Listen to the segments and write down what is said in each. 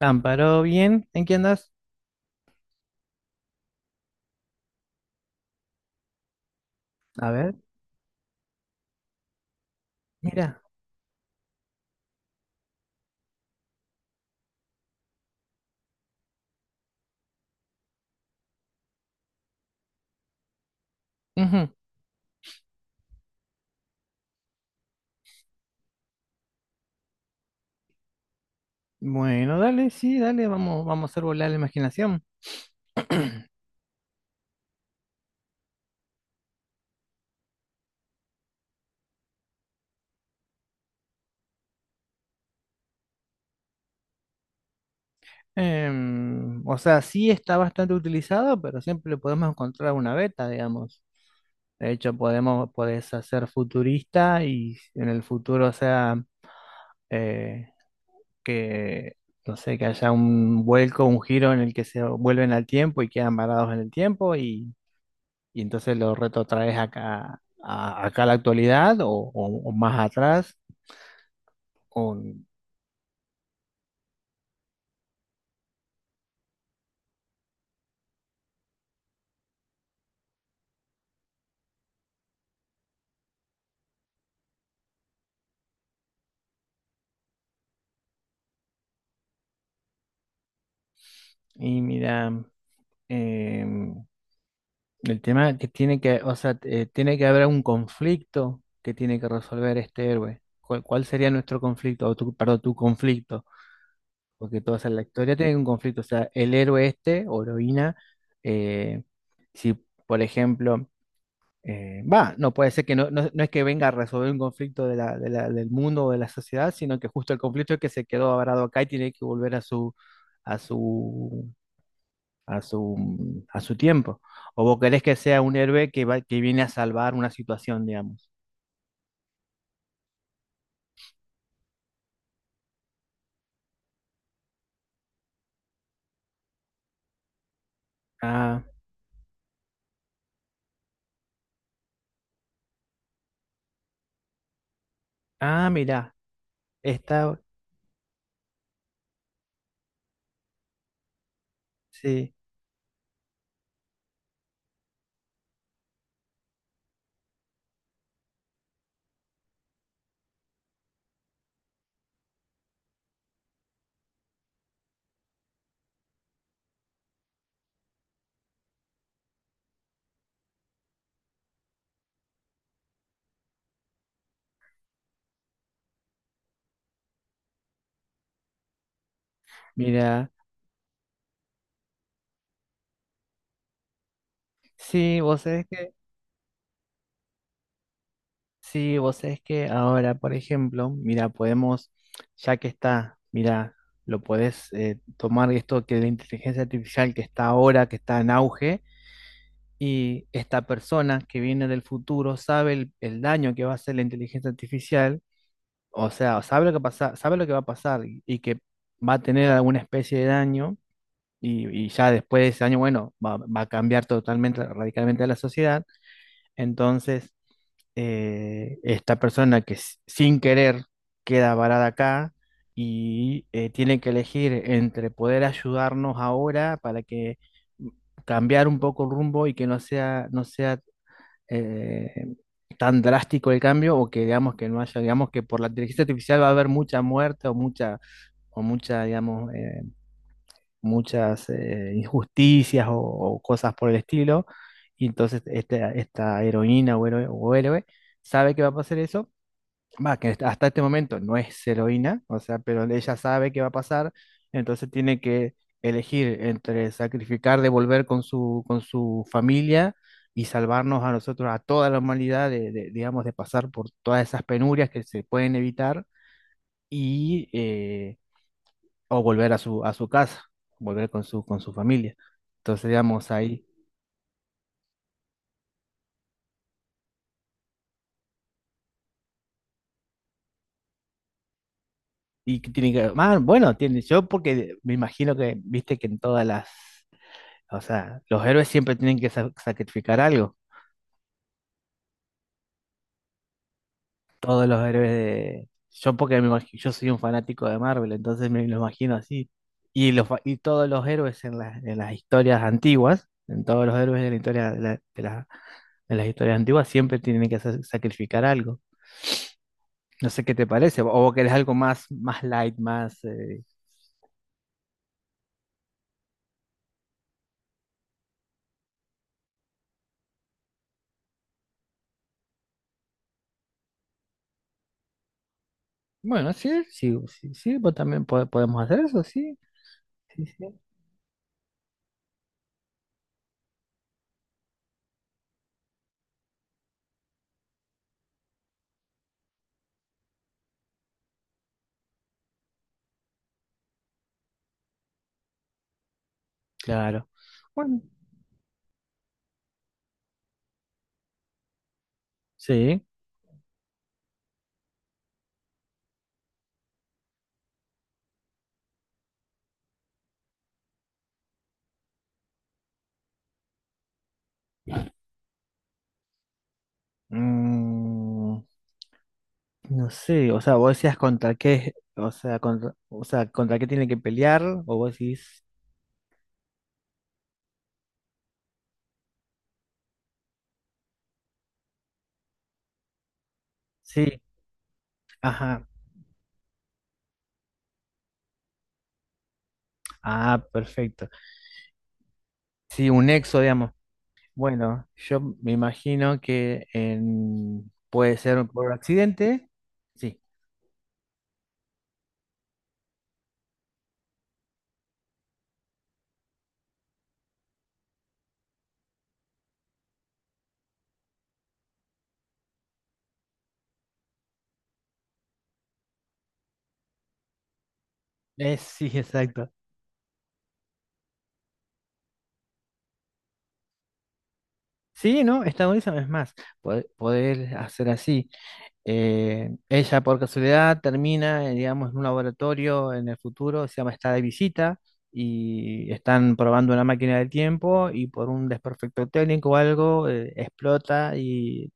Amparo, bien, ¿en qué andas? A ver, mira. Ujú. Bueno, dale, sí, dale, vamos, vamos a hacer volar la imaginación. O sea, sí está bastante utilizado, pero siempre le podemos encontrar una beta, digamos. De hecho, podés hacer futurista y en el futuro, o sea, eh, que, no sé, que haya un vuelco, un giro en el que se vuelven al tiempo y quedan varados en el tiempo y entonces lo retrotraes acá, acá a la actualidad o o más atrás. o- y mira, em, el tema que tiene que, o sea, tiene que haber un conflicto que tiene que resolver este héroe. ¿ cuál sería nuestro conflicto? O tu, perdón, tu conflicto. Porque la historia tiene un conflicto. O sea, el héroe este o heroína, eh, si por ejemplo no puede ser que no, no es que venga a resolver un conflicto del mundo o de la sociedad, sino que justo el conflicto es que se quedó varado acá y tiene que volver a su, a su, a su tiempo. O vos querés que sea un héroe que va, que viene a salvar una situación, digamos. Ah, ah, mirá, está, sí, mirá, sí, vos sabés que sí, vos sabés que ahora, por ejemplo, mira, ya que está, mira, lo podés tomar esto que la inteligencia artificial que está ahora, que está en auge, y esta persona que viene del futuro sabe el daño que va a hacer la inteligencia artificial, o sea, sabe lo que pasa, sabe lo que va a pasar y que va a tener alguna especie de daño, y ya después de ese daño, bueno, va a cambiar totalmente, radicalmente a la sociedad, entonces esta persona que sin querer queda varada acá y tiene que elegir entre poder ayudarnos ahora para que mm, cambiar un poco el rumbo y que no sea eh, tan drástico el cambio o que digamos que no haya, digamos que por la inteligencia artificial va a haber mucha muerte digamos, muchas injusticias o cosas por el estilo. Y entonces esta heroína o héroe sabe que va a pasar eso. Va, que hasta este momento no es heroína, o sea, pero ella sabe que va a pasar, entonces tiene que elegir entre sacrificar, devolver con su familia y salvarnos a nosotros, a toda la humanidad, digamos, de pasar por todas esas penurias que se pueden evitar y o volver a su casa, volver con su familia. Entonces, digamos, ahí, y que tiene que, ah, bueno, tiene, yo porque me imagino que, viste que en todas las, o sea, los héroes siempre tienen que sacrificar algo, todos los héroes de, yo porque yo soy un fanático de Marvel, entonces me lo imagino así, y todos los héroes las en las historias antiguas, en todos los héroes de la historia, de las historias antiguas siempre tienen que sacrificar algo. No sé qué te parece, o vos querés algo más, más light, más... Bueno, sí, sí, sí, sí, vos también podemos hacer eso, sí, sí, sí, claro. Bueno, sí. Mm, no sé, o sea, vos decías contra qué, o sea, contra qué tiene que pelear, o vos decís, sí, ajá, ah, perfecto. Sí, un nexo, digamos. Bueno, yo me imagino que puede ser por accidente, sí, es, sí, exacto. Sí, ¿no? Está buenísimo. Es más, poder hacer así. Ella por casualidad termina, digamos, en un laboratorio en el futuro, se llama está de visita y están probando una máquina del tiempo y por un desperfecto técnico o algo explota y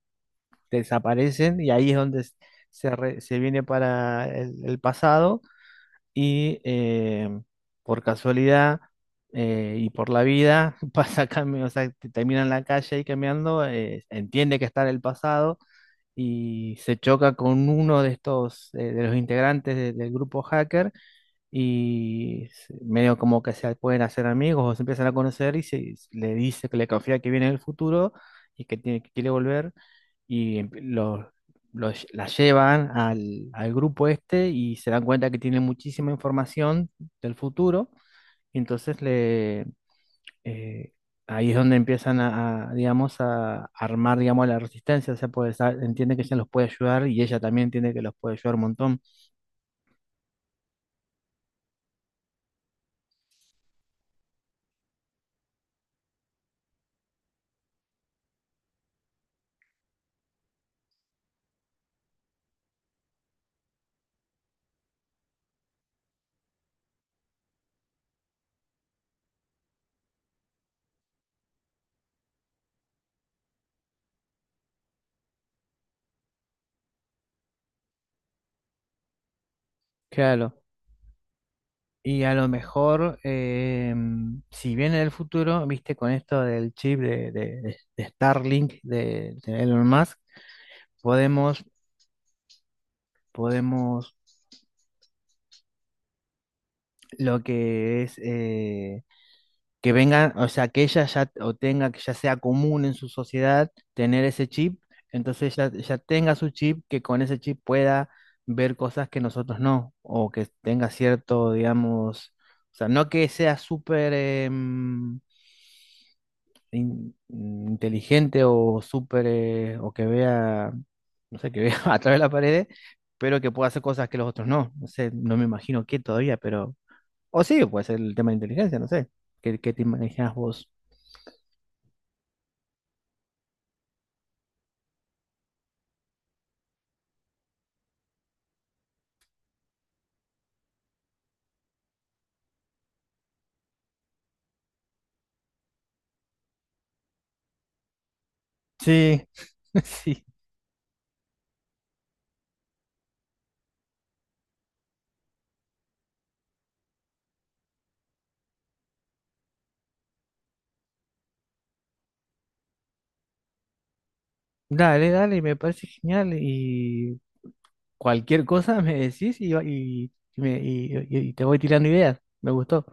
desaparecen y ahí es donde se viene para el pasado y por casualidad y por la vida pasa cambio, o sea, termina en la calle y cambiando, entiende que está en el pasado y se choca con uno de estos, de los integrantes del grupo hacker y medio como que se pueden hacer amigos o se empiezan a conocer y se, le dice que le confía que viene el futuro y que tiene que quiere volver y la llevan al grupo este y se dan cuenta que tiene muchísima información del futuro y entonces le eh, ahí es donde empiezan a, digamos a armar digamos la resistencia, o sea pues entiende que ella los puede ayudar y ella también entiende que los puede ayudar un montón. Claro. Y a lo mejor, em, si viene del futuro, viste, con esto del chip de Starlink de Elon Musk, podemos, podemos, lo que es, que vengan, o sea, que ella ya, o tenga, que ya sea común en su sociedad tener ese chip, entonces ya, ya tenga su chip, que con ese chip pueda ver cosas que nosotros no, o que tenga cierto, digamos, o sea, no que sea súper... inteligente o súper, o que vea, no sé, que vea a través de la pared, pero que pueda hacer cosas que los otros no. No sé, no me imagino qué todavía, pero... O sí, puede ser el tema de inteligencia, no sé. ¿Qué, qué te imaginas vos? Sí, sí. Dale, dale, me parece genial y cualquier cosa me decís y te voy tirando ideas. Me gustó.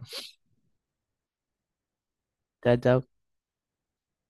Chao, chao.